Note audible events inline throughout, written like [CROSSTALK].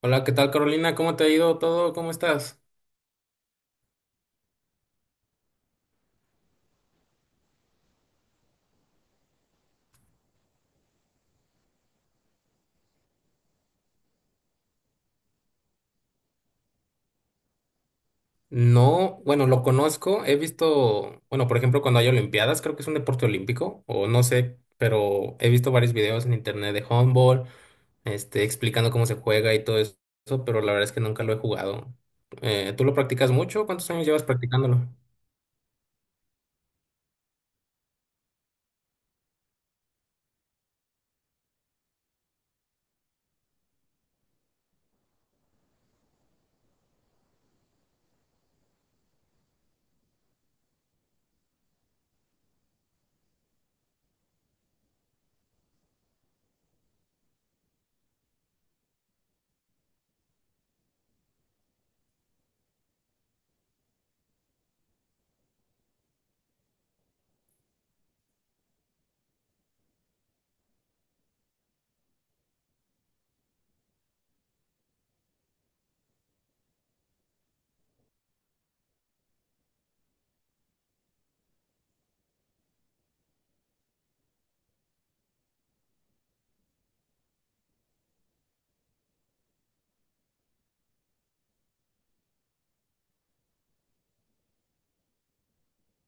Hola, ¿qué tal Carolina? ¿Cómo te ha ido todo? ¿Cómo estás? No, bueno, lo conozco, he visto, bueno, por ejemplo, cuando hay olimpiadas, creo que es un deporte olímpico, o no sé, pero he visto varios videos en internet de handball, este, explicando cómo se juega y todo eso, pero la verdad es que nunca lo he jugado. ¿Tú lo practicas mucho? ¿Cuántos años llevas practicándolo?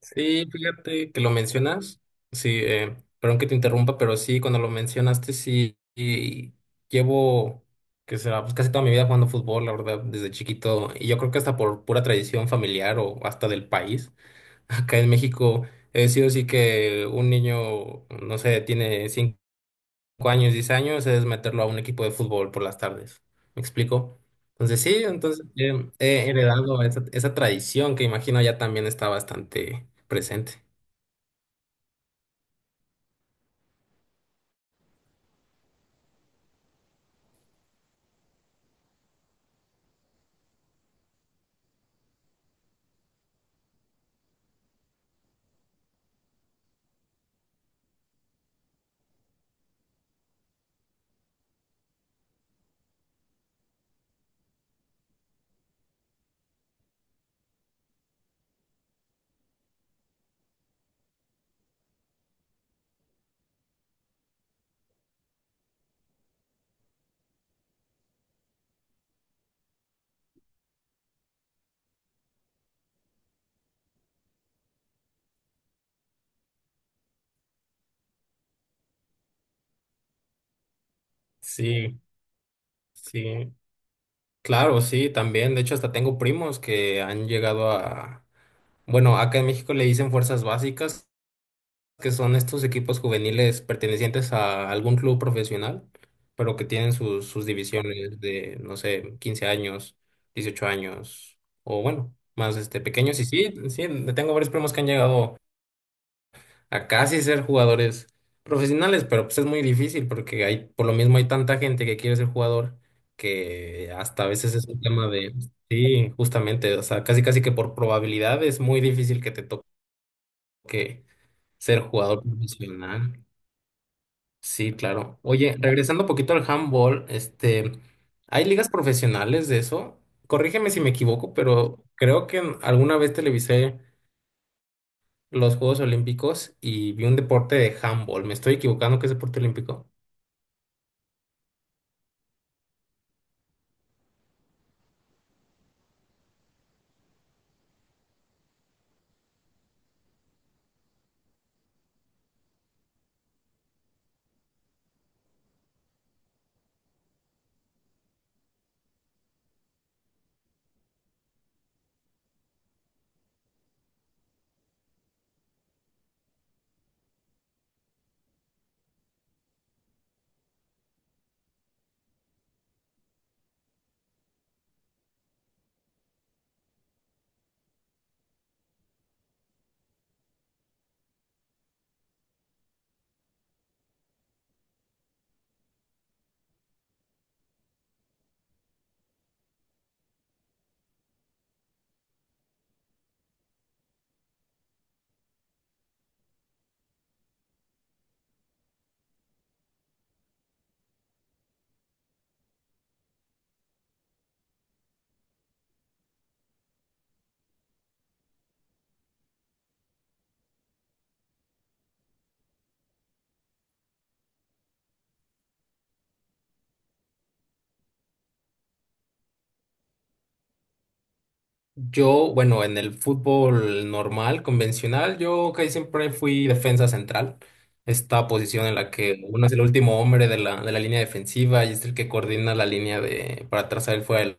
Sí, fíjate que lo mencionas, sí, perdón que te interrumpa, pero sí, cuando lo mencionaste, sí, y llevo, que será, pues casi toda mi vida jugando fútbol, la verdad, desde chiquito, y yo creo que hasta por pura tradición familiar o hasta del país, [LAUGHS] acá en México, he sido así que un niño, no sé, tiene 5 años, 10 años, es meterlo a un equipo de fútbol por las tardes, ¿me explico? Entonces sí, entonces he heredado esa, esa tradición que imagino ya también está bastante presente. Sí, sí, claro, sí, también. De hecho, hasta tengo primos que han llegado a, bueno, acá en México le dicen fuerzas básicas, que son estos equipos juveniles pertenecientes a algún club profesional, pero que tienen sus divisiones de, no sé, 15 años, 18 años, o bueno, más este pequeños. Y sí, sí, tengo varios primos que han llegado a casi ser jugadores profesionales, pero pues es muy difícil porque hay, por lo mismo hay tanta gente que quiere ser jugador que hasta a veces es un tema de, sí, justamente, o sea, casi casi que por probabilidad es muy difícil que te toque ser jugador profesional. Sí, claro. Oye, regresando un poquito al handball, este, ¿hay ligas profesionales de eso? Corrígeme si me equivoco, pero creo que alguna vez televisé los Juegos Olímpicos y vi un deporte de handball. ¿Me estoy equivocando que es deporte olímpico? Yo, bueno, en el fútbol normal, convencional, yo casi siempre fui defensa central. Esta posición en la que uno es el último hombre de la línea defensiva y es el que coordina la línea de, para trazar el fuera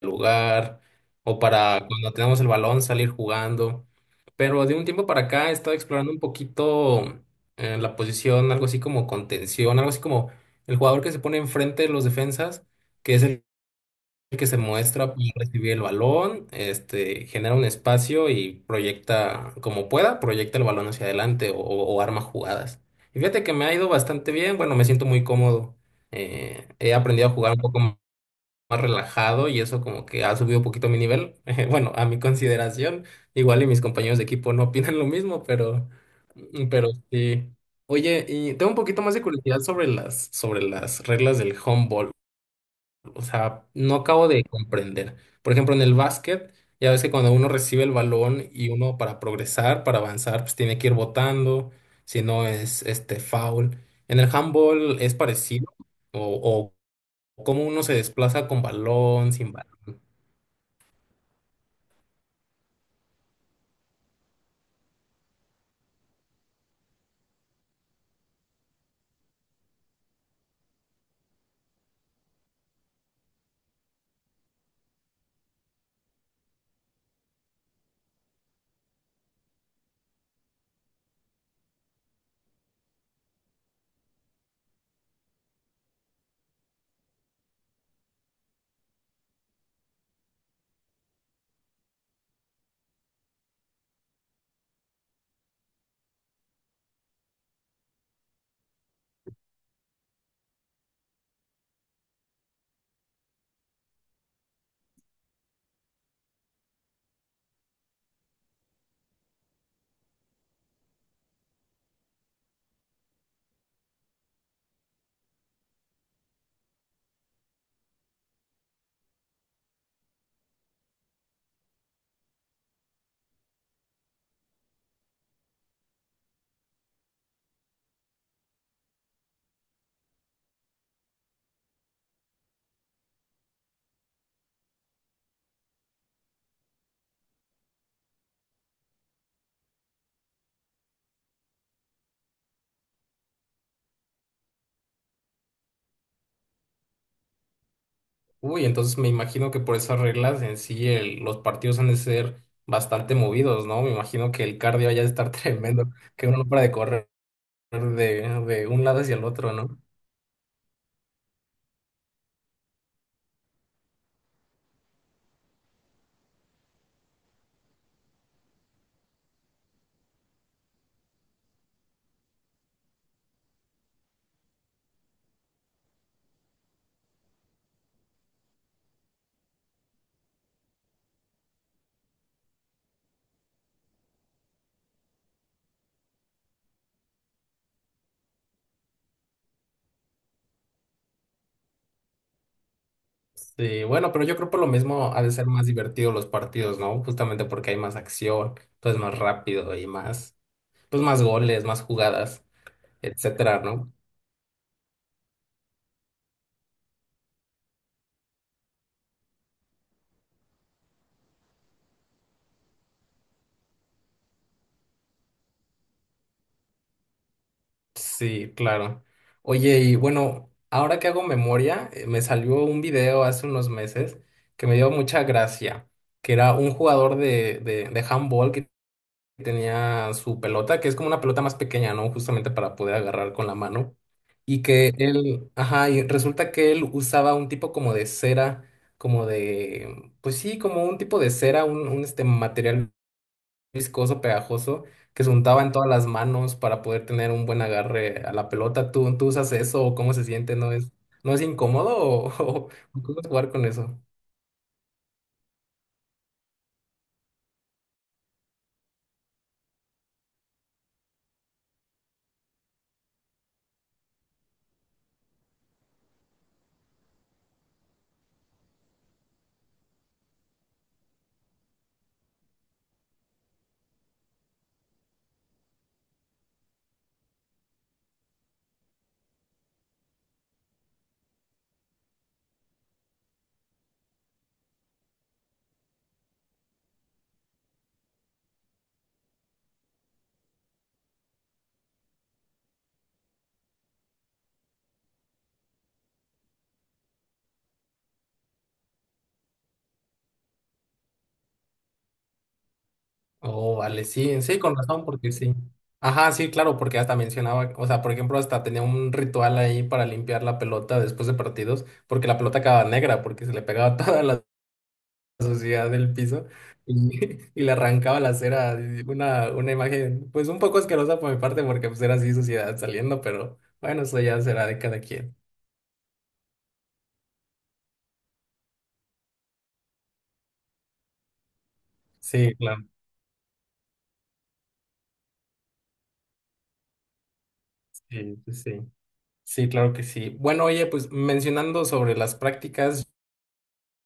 lugar o para cuando tenemos el balón salir jugando. Pero de un tiempo para acá he estado explorando un poquito la posición, algo así como contención, algo así como el jugador que se pone enfrente de los defensas, que es el que se muestra para recibir el balón, este, genera un espacio y proyecta como pueda, proyecta el balón hacia adelante o arma jugadas. Y fíjate que me ha ido bastante bien, bueno, me siento muy cómodo. He aprendido a jugar un poco más relajado y eso como que ha subido un poquito mi nivel. [LAUGHS] Bueno, a mi consideración, igual y mis compañeros de equipo no [LAUGHS] opinan lo mismo, pero sí. Oye, y tengo un poquito más de curiosidad sobre sobre las reglas del handball. O sea, no acabo de comprender. Por ejemplo, en el básquet, ya ves que cuando uno recibe el balón y uno para progresar, para avanzar, pues tiene que ir botando, si no es este foul. En el handball es parecido o, cómo uno se desplaza con balón, sin balón. Uy, entonces me imagino que por esas reglas en sí los partidos han de ser bastante movidos, ¿no? Me imagino que el cardio haya de estar [LAUGHS] tremendo, que uno no para de correr de, de un lado hacia el otro, ¿no? Sí, bueno, pero yo creo por lo mismo ha de ser más divertido los partidos, ¿no? Justamente porque hay más acción, entonces más rápido y más, pues más goles, más jugadas, etcétera, ¿no? Sí, claro. Oye, y bueno, ahora que hago memoria, me salió un video hace unos meses que me dio mucha gracia, que era un jugador de handball que tenía su pelota, que es como una pelota más pequeña, ¿no? Justamente para poder agarrar con la mano. Y que él, ajá, y resulta que él usaba un tipo como de cera, como de, pues sí, como un tipo de cera, un este material viscoso, pegajoso, que se untaba en todas las manos para poder tener un buen agarre a la pelota. ¿¿Tú usas eso o cómo se siente? ¿No es, no es incómodo o, [LAUGHS] o cómo es jugar con eso? Oh, vale, sí, sí, con razón, porque sí. Ajá, sí, claro, porque hasta mencionaba, o sea, por ejemplo, hasta tenía un ritual ahí para limpiar la pelota después de partidos, porque la pelota quedaba negra, porque se le pegaba [LAUGHS] todas las suciedad del piso y, [LAUGHS] y le arrancaba la cera. Y una imagen, pues un poco asquerosa por mi parte, porque pues era así suciedad saliendo, pero bueno, eso ya será de cada quien. Sí, claro, sí, sí, sí. Sí, claro que sí. Bueno, oye, pues mencionando sobre las prácticas,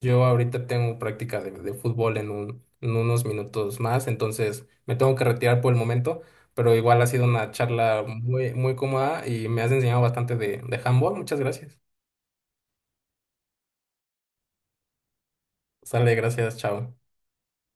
yo ahorita tengo práctica de fútbol en un, en unos minutos más, entonces me tengo que retirar por el momento, pero igual ha sido una charla muy, muy cómoda y me has enseñado bastante de handball. Muchas gracias. Sale, gracias, chao.